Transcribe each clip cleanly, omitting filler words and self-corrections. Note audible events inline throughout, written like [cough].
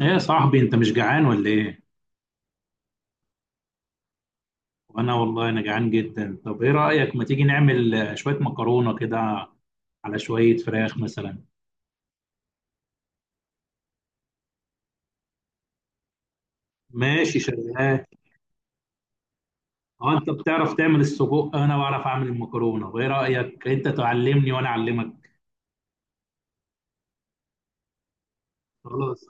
ايه يا صاحبي انت مش جعان ولا ايه؟ وانا والله انا جعان جدا. طب ايه رأيك ما تيجي نعمل شوية مكرونة كده على شوية فراخ مثلا. ماشي شغال. اه، انت بتعرف تعمل السجق، انا بعرف اعمل المكرونة، وايه رأيك انت تعلمني وانا اعلمك. خلاص.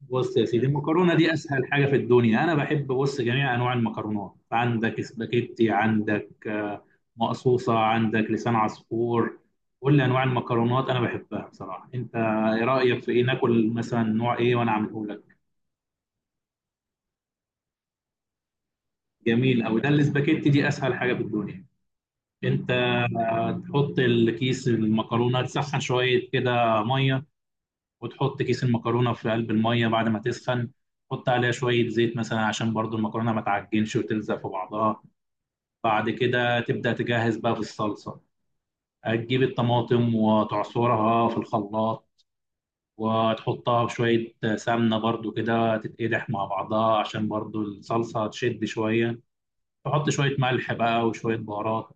بص يا سيدي، المكرونه دي اسهل حاجه في الدنيا. انا بحب، بص، جميع انواع المكرونات، عندك سباكيتي، عندك مقصوصه، عندك لسان عصفور. كل انواع المكرونات انا بحبها بصراحه. انت ايه رايك في ايه، ناكل مثلا نوع ايه وانا اعمله لك؟ جميل قوي. ده الاسباجيتي دي اسهل حاجه في الدنيا. انت تحط الكيس المكرونه، تسخن شويه كده ميه، وتحط كيس المكرونه في قلب الميه بعد ما تسخن. تحط عليها شويه زيت مثلا عشان برضو المكرونه ما تعجنش وتلزق في بعضها. بعد كده تبدا تجهز بقى في الصلصه. هتجيب الطماطم وتعصرها في الخلاط، وتحطها بشوية سمنة برضو كده تتقدح مع بعضها عشان برضو الصلصة تشد شوية. تحط شوية ملح بقى وشوية بهارات.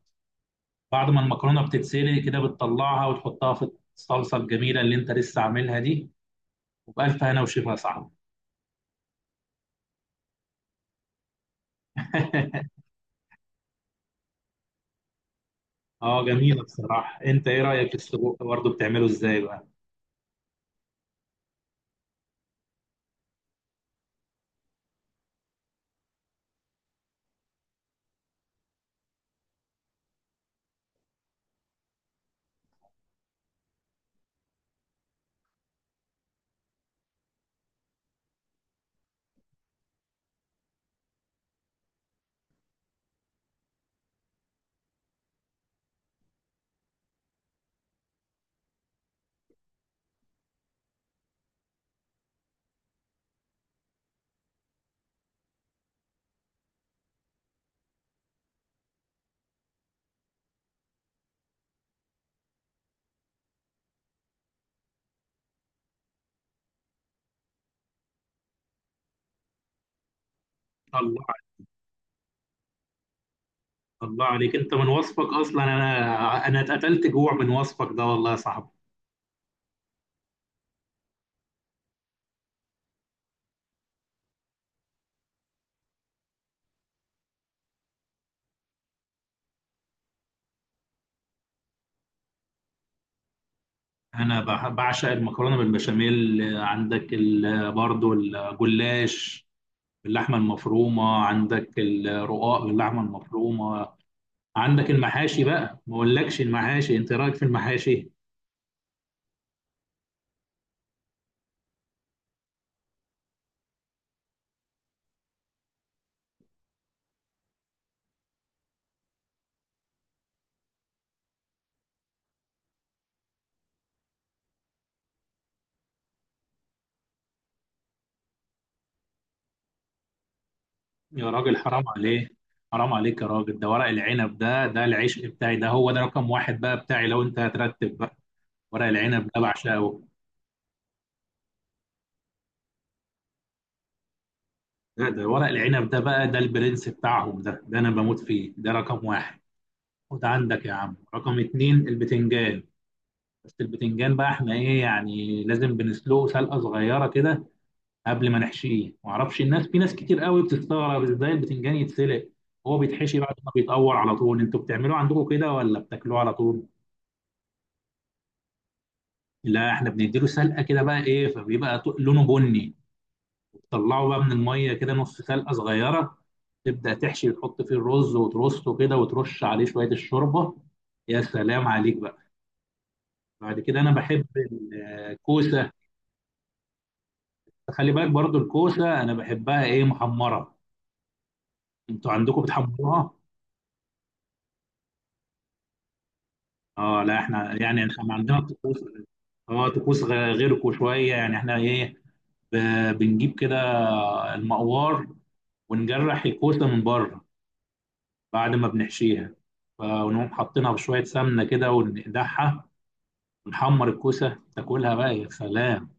بعد ما المكرونة بتتسلق كده بتطلعها وتحطها في الصلصة الجميلة اللي انت لسه عاملها دي. وبألف هنا وشفا صعب. [laughs] اه جميلة بصراحة. انت ايه رأيك في السجق برضه، بتعمله ازاي بقى؟ الله. الله عليك، انت من وصفك اصلا انا اتقتلت جوع من وصفك ده والله يا صاحبي. انا بعشق المكرونة بالبشاميل، عندك برضه الجلاش باللحمة المفرومة، عندك الرقاق باللحمة المفرومة، عندك المحاشي بقى. ما اقولكش المحاشي، انت إيه رأيك في المحاشي؟ يا راجل حرام عليك. حرام عليك يا راجل، ده ورق العنب ده ده العشق بتاعي، ده هو ده رقم واحد بقى بتاعي لو انت هترتب بقى. ورق العنب ده بعشقه. ده ورق العنب ده بقى، ده البرنس بتاعهم، ده انا بموت فيه، ده رقم واحد. وده عندك يا عم رقم اتنين البتنجان. بس البتنجان بقى احنا ايه يعني، لازم بنسلقه سلقه صغيره كده قبل ما نحشيه. معرفش الناس، في ناس كتير قوي بتستغرب ازاي البتنجان يتسلق، هو بيتحشي بعد ما بيتقور على طول. انتوا بتعملوه عندكم كده ولا بتاكلوه على طول؟ لا احنا بنديله سلقه كده بقى ايه، فبيبقى لونه بني. طلعه بقى من الميه كده نص سلقه صغيره، تبدا تحشي وتحط فيه الرز وترصه كده وترش عليه شويه الشوربه. يا سلام عليك بقى. بعد كده انا بحب الكوسه. خلي بالك برضو، الكوسه انا بحبها ايه، محمره. انتوا عندكم بتحمروها؟ اه لا، احنا يعني احنا عندنا طقوس. اه، طقوس غيركم شويه. يعني احنا ايه، بنجيب كده المقوار ونجرح الكوسه من بره بعد ما بنحشيها، فنقوم حاطينها بشويه سمنه كده وندعها. نحمر الكوسه تاكلها بقى، يا سلام.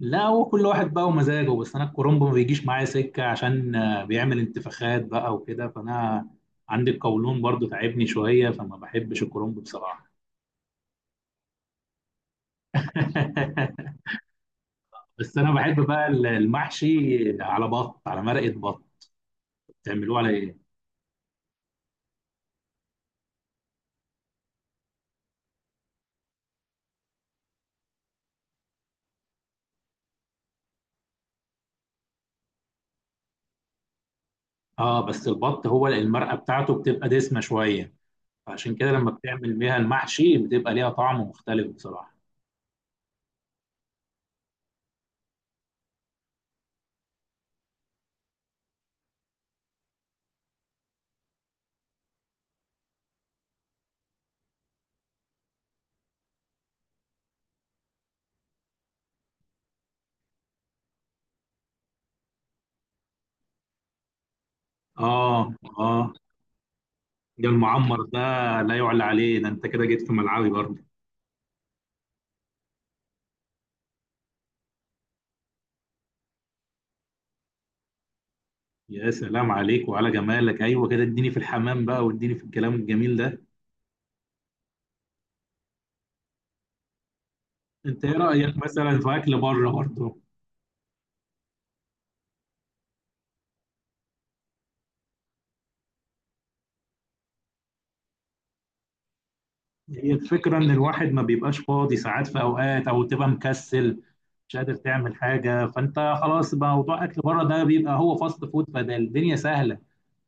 لا هو كل واحد بقى ومزاجه، بس انا الكرنب ما بيجيش معايا سكه عشان بيعمل انتفاخات بقى وكده، فانا عندي القولون برضو تعبني شويه، فما بحبش الكرنب بصراحه. [laughs] بس انا بحب بقى المحشي على بط، على مرقه بط. بتعملوه على ايه؟ اه، بس البط هو المرقه بتاعته بتبقى دسمه شويه، فعشان كده لما بتعمل بيها المحشي بتبقى ليها طعم مختلف بصراحه. اه. اه. ده المعمر ده لا يعلى عليه. ده انت كده جيت في ملعبي برضه. يا سلام عليك وعلى جمالك، ايوه كده، اديني في الحمام بقى واديني في الكلام الجميل ده. انت ايه رايك مثلا في اكل بره برضه؟ هي الفكرة إن الواحد ما بيبقاش فاضي ساعات في أوقات، أو تبقى مكسل مش قادر تعمل حاجة، فأنت خلاص بقى موضوع أكل بره ده بيبقى هو فاست فود، فده الدنيا سهلة.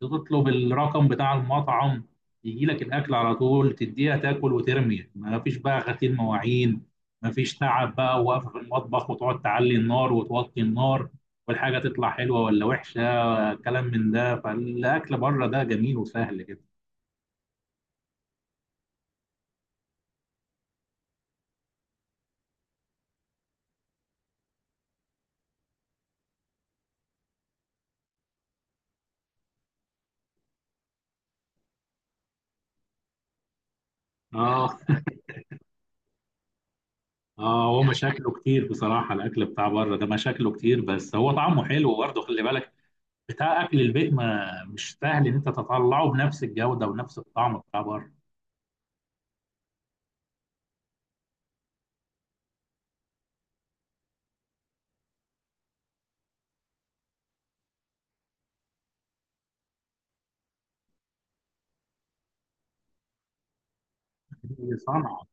تطلب الرقم بتاع المطعم، يجي لك الأكل على طول، تديها تاكل وترمي، ما فيش بقى غسيل مواعين، ما فيش تعب بقى وقف في المطبخ وتقعد تعلي النار وتوطي النار، والحاجة تطلع حلوة ولا وحشة، كلام من ده. فالأكل بره ده جميل وسهل كده. آه. اه، هو مشاكله كتير بصراحة، الأكل بتاع بره ده مشاكله كتير، بس هو طعمه حلو برضه خلي بالك. بتاع أكل البيت ما مش سهل إن أنت تطلعه بنفس الجودة ونفس الطعم بتاع بره. هي صنعة.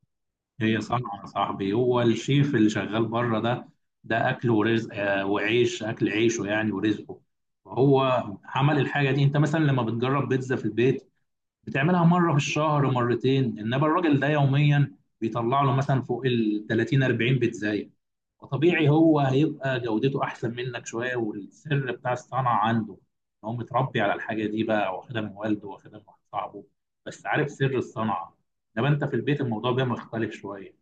هي صنعة يا صاحبي، هو الشيف اللي شغال بره ده، ده أكل ورزق، وعيش، أكل عيشه يعني ورزقه. فهو عمل الحاجة دي. أنت مثلا لما بتجرب بيتزا في البيت، بتعملها مرة في الشهر مرتين، إنما الراجل ده يوميا بيطلع له مثلا فوق ال 30 40 بيتزا. وطبيعي هو هيبقى جودته احسن منك شويه، والسر بتاع الصنعه عنده ان هو متربي على الحاجه دي بقى، واخدها من والده، واخدها من واحد صاحبه، بس عارف سر الصنعه. انما انت في البيت الموضوع بيبقى مختلف شويه.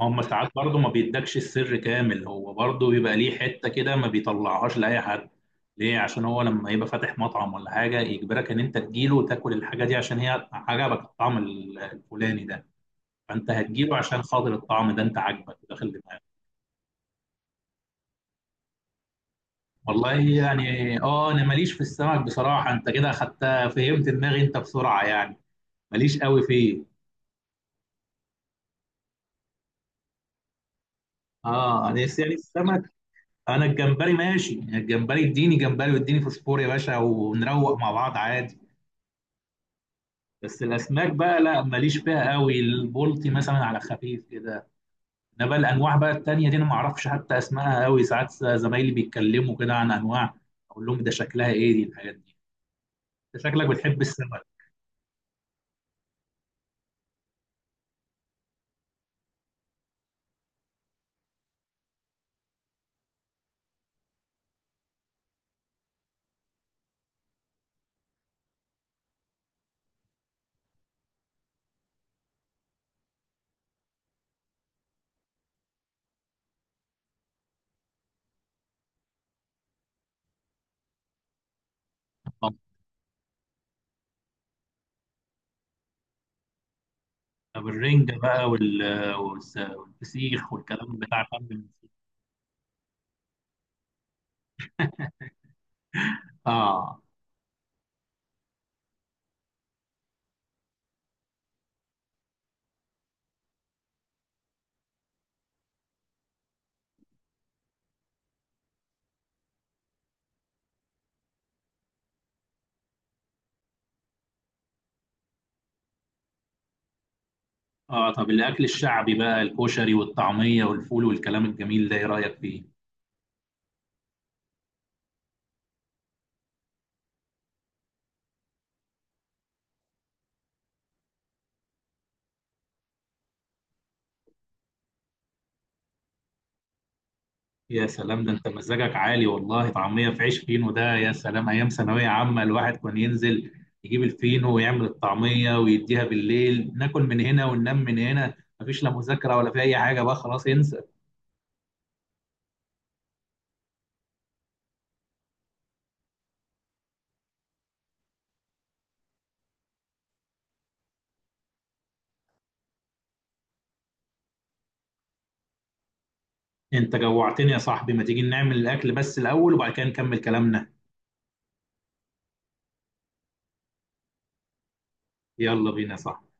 هم ساعات برضه ما بيدكش السر كامل، هو برضه بيبقى ليه حته كده ما بيطلعهاش لاي حد. ليه؟ عشان هو لما يبقى فاتح مطعم ولا حاجه يجبرك ان انت تجيله وتاكل الحاجه دي عشان هي عجبك الطعم الفلاني ده. فانت هتجيله عشان خاطر الطعم ده انت عاجبك وداخل دماغك. والله يعني اه، انا ماليش في السمك بصراحه. انت كده اخدتها، فهمت دماغي انت بسرعه يعني، ماليش قوي فيه. اه، انا نفسي يعني السمك. انا الجمبري ماشي، يعني الجمبري اديني جمبري واديني فوسفور يا باشا ونروق مع بعض عادي. بس الاسماك بقى لا ماليش فيها قوي، البلطي مثلا على خفيف كده. انا بقى الانواع بقى التانيه دي انا ما اعرفش حتى اسمائها قوي. ساعات زمايلي بيتكلموا كده عن انواع، اقول لهم ده شكلها ايه دي الحاجات دي. انت شكلك بتحب السمك. طب الرنجة بقى والفسيخ والكلام بتاع فن الموسيقى. اه. اه. طب الاكل الشعبي بقى، الكشري والطعمية والفول والكلام الجميل ده، ايه رأيك فيه؟ يا سلام، ده انت مزاجك عالي والله. طعمية في عيش فينو ده يا سلام، ايام ثانوية عامة الواحد كان ينزل يجيب الفينو ويعمل الطعمية ويديها بالليل، ناكل من هنا وننام من هنا، مفيش لا مذاكرة ولا في اي حاجة بقى، خلاص انسى. انت جوعتني يا صاحبي، ما تيجي نعمل الاكل بس الاول وبعد كده نكمل كلامنا. يلا بينا يا صاحبي.